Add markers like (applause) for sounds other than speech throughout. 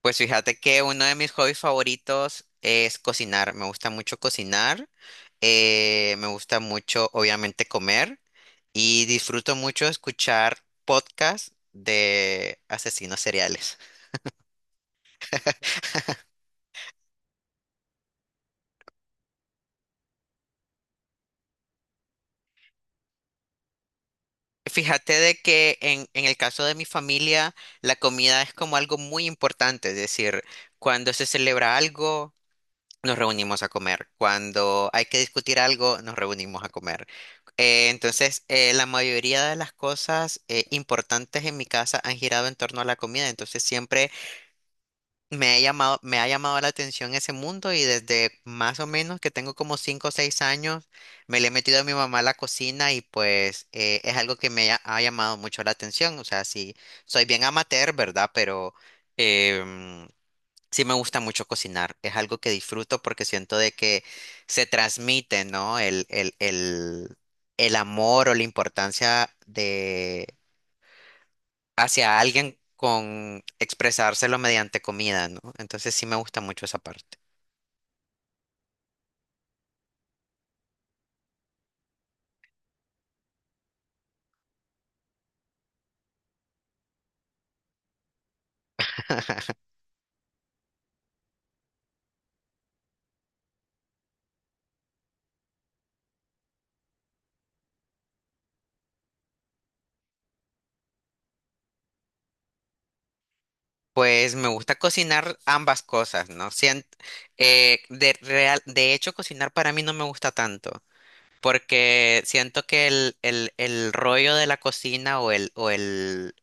Pues fíjate que uno de mis hobbies favoritos es cocinar. Me gusta mucho cocinar, me gusta mucho obviamente comer y disfruto mucho escuchar podcasts de asesinos seriales. (laughs) Fíjate de que en el caso de mi familia, la comida es como algo muy importante, es decir, cuando se celebra algo, nos reunimos a comer. Cuando hay que discutir algo, nos reunimos a comer. Entonces, la mayoría de las cosas importantes en mi casa han girado en torno a la comida. Entonces, siempre me ha llamado la atención ese mundo y desde más o menos que tengo como 5 o 6 años, me le he metido a mi mamá a la cocina y pues es algo que ha llamado mucho la atención. O sea, sí, soy bien amateur, ¿verdad? Pero. em, Sí me gusta mucho cocinar, es algo que disfruto porque siento de que se transmite, ¿no? El amor o la importancia de hacia alguien con expresárselo mediante comida, ¿no? Entonces sí me gusta mucho esa parte. Pues me gusta cocinar ambas cosas, ¿no? De hecho, cocinar para mí no me gusta tanto, porque siento que el rollo de la cocina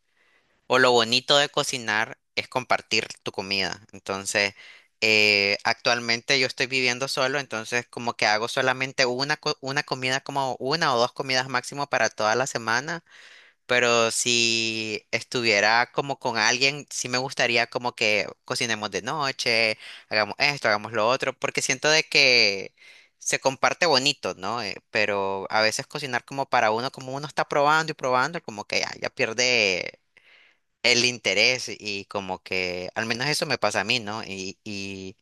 o lo bonito de cocinar es compartir tu comida. Entonces, actualmente yo estoy viviendo solo, entonces como que hago solamente una comida, como una o dos comidas máximo para toda la semana. Pero si estuviera como con alguien, sí me gustaría como que cocinemos de noche, hagamos esto, hagamos lo otro, porque siento de que se comparte bonito, ¿no? Pero a veces cocinar como para uno, como uno está probando y probando, como que ya, ya pierde el interés y como que al menos eso me pasa a mí, ¿no?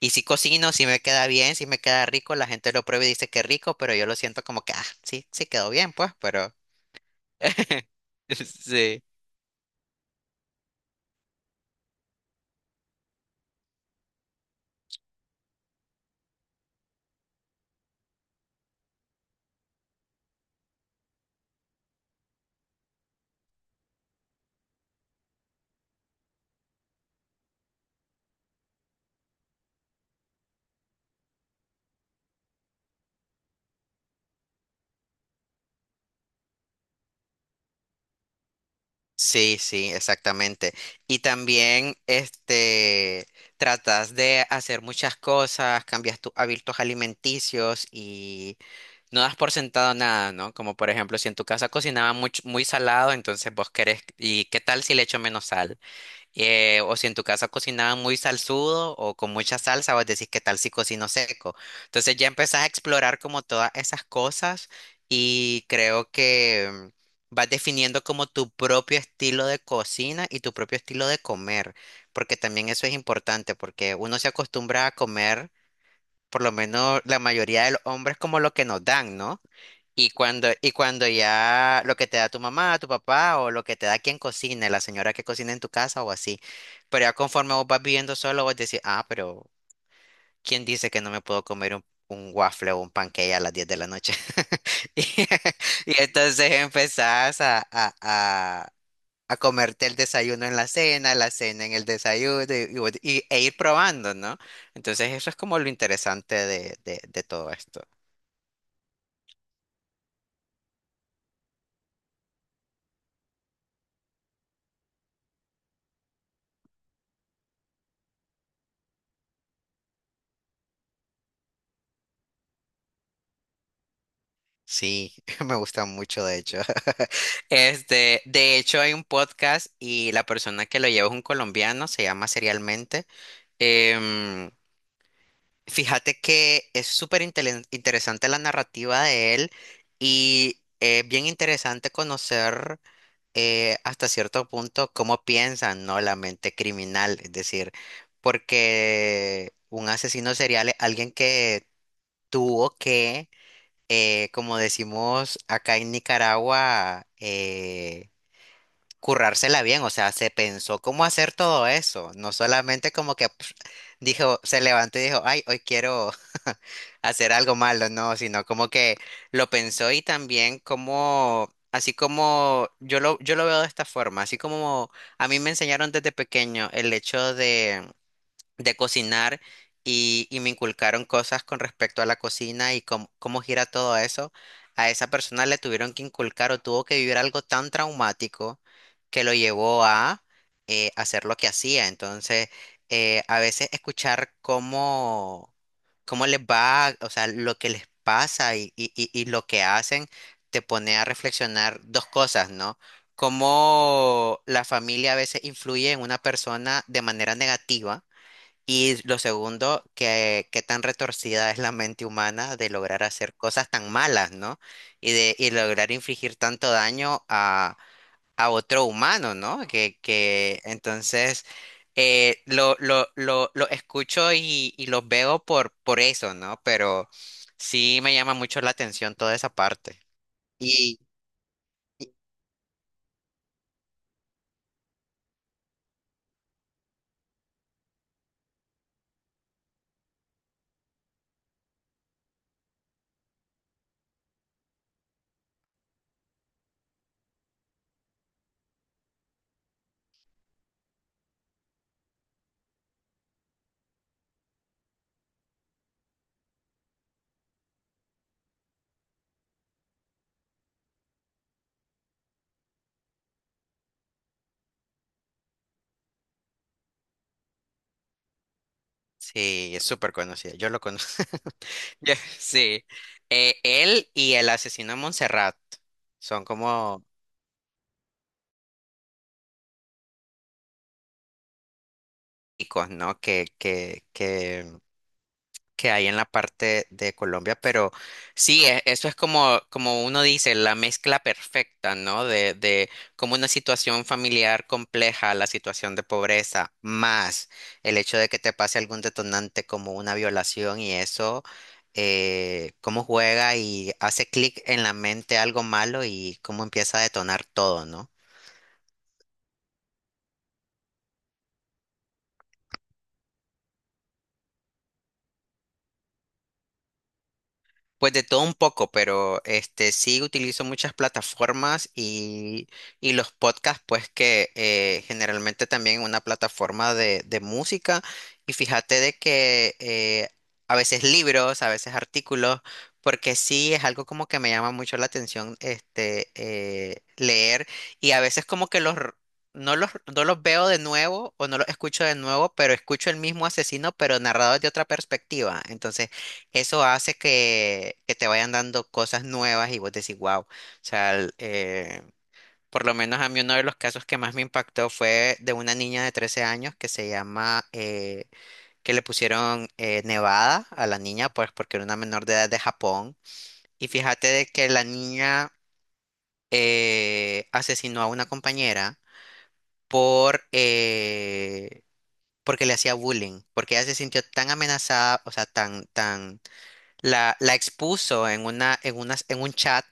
Y si cocino, si me queda bien, si me queda rico, la gente lo prueba y dice que rico, pero yo lo siento como que, ah, sí, sí quedó bien, pues, pero. (laughs) Sí. Sí, sí, exactamente. Y también, este, tratas de hacer muchas cosas, cambias tus hábitos alimenticios y no das por sentado nada, ¿no? Como por ejemplo, si en tu casa cocinaba mucho, muy salado, entonces vos querés, ¿y qué tal si le echo menos sal? O si en tu casa cocinaban muy salsudo o con mucha salsa, vos decís qué tal si cocino seco. Entonces ya empezás a explorar como todas esas cosas y creo que vas definiendo como tu propio estilo de cocina y tu propio estilo de comer, porque también eso es importante, porque uno se acostumbra a comer, por lo menos la mayoría de los hombres, como lo que nos dan, ¿no? Y cuando ya lo que te da tu mamá, tu papá o lo que te da quien cocine, la señora que cocina en tu casa o así. Pero ya conforme vos vas viviendo solo, vos decís, ah, pero ¿quién dice que no me puedo comer un waffle o un pancake a las 10 de la noche? (laughs) Y, y entonces empezás a comerte el desayuno en la cena en el desayuno y, e ir probando, ¿no? Entonces eso es como lo interesante de, de todo esto. Sí, (laughs) me gusta mucho, de hecho. (laughs) Este, de hecho, hay un podcast y la persona que lo lleva es un colombiano, se llama Serialmente. Em, Fíjate que es súper interesante la narrativa de él y es bien interesante conocer hasta cierto punto cómo piensan, ¿no? La mente criminal, es decir, porque un asesino serial es alguien que tuvo que como decimos acá en Nicaragua, currársela bien, o sea, se pensó cómo hacer todo eso, no solamente como que pf, dijo, se levantó y dijo, ay, hoy quiero (laughs) hacer algo malo, no, sino como que lo pensó y también como, así como yo lo veo de esta forma, así como a mí me enseñaron desde pequeño el hecho de cocinar y me inculcaron cosas con respecto a la cocina y cómo gira todo eso, a esa persona le tuvieron que inculcar o tuvo que vivir algo tan traumático que lo llevó a hacer lo que hacía. Entonces, a veces escuchar cómo, cómo les va, o sea, lo que les pasa y, y lo que hacen, te pone a reflexionar dos cosas, ¿no? Cómo la familia a veces influye en una persona de manera negativa y lo segundo, que qué tan retorcida es la mente humana de lograr hacer cosas tan malas, ¿no? Y lograr infligir tanto daño a otro humano, ¿no? Que entonces lo escucho y los veo por eso, ¿no? Pero sí me llama mucho la atención toda esa parte. Y, Sí, es súper conocido. Yo lo conozco. (laughs) Sí. Él y el asesino de Montserrat son como icos, ¿no? Que hay en la parte de Colombia, pero sí, eso es como, como uno dice, la mezcla perfecta, ¿no? De como una situación familiar compleja, la situación de pobreza, más el hecho de que te pase algún detonante como una violación y eso, cómo juega y hace clic en la mente algo malo y cómo empieza a detonar todo, ¿no? Pues de todo un poco, pero este sí utilizo muchas plataformas y los podcasts, pues que generalmente también una plataforma de música. Y fíjate de que a veces libros, a veces artículos, porque sí es algo como que me llama mucho la atención este leer. Y a veces como que los r- no los, no los veo de nuevo o no los escucho de nuevo, pero escucho el mismo asesino, pero narrado de otra perspectiva. Entonces eso hace que te vayan dando cosas nuevas y vos decís, wow. O sea, por lo menos a mí uno de los casos que más me impactó fue de una niña de 13 años que se llama, que le pusieron Nevada a la niña, pues porque era una menor de edad de Japón. Y fíjate de que la niña asesinó a una compañera por, porque le hacía bullying, porque ella se sintió tan amenazada, o sea, tan la expuso en una, en un chat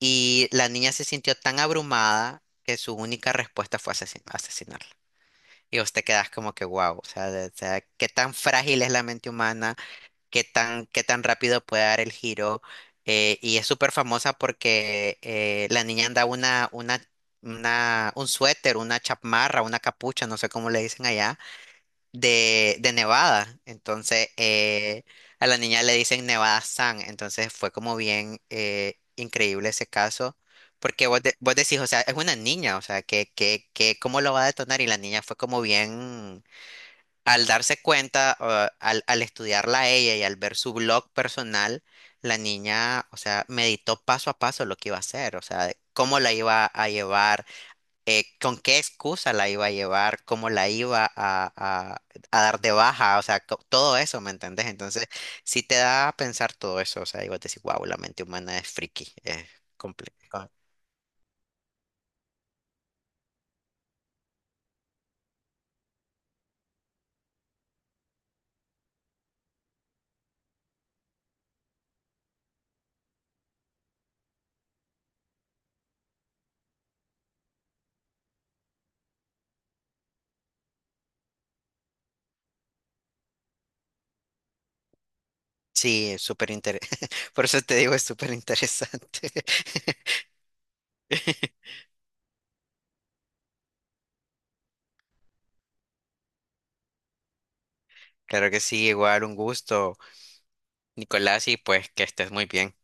y la niña se sintió tan abrumada que su única respuesta fue asesinarla. Y vos te quedás como que wow, o sea, o sea, qué tan frágil es la mente humana, qué tan rápido puede dar el giro. Y es súper famosa porque la niña anda un suéter, una chamarra, una capucha, no sé cómo le dicen allá de Nevada. Entonces, a la niña le dicen Nevada San. Entonces, fue como bien increíble ese caso. Porque vos, vos decís, o sea, es una niña, o sea, que, ¿cómo lo va a detonar? Y la niña fue como bien, al darse cuenta, o al estudiarla a ella y al ver su blog personal, la niña, o sea, meditó paso a paso lo que iba a hacer, o sea, de cómo la iba a llevar con qué excusa la iba a llevar, cómo la iba a- a dar de baja, o sea, todo eso, ¿me entendés? Entonces, sí te da a pensar todo eso, o sea, y vos decís, wow, la mente humana es friki, comple- co- Sí, es súper interesante. (laughs) Por eso te digo, es súper interesante. (laughs) Claro que sí, igual un gusto, Nicolás, y pues que estés muy bien.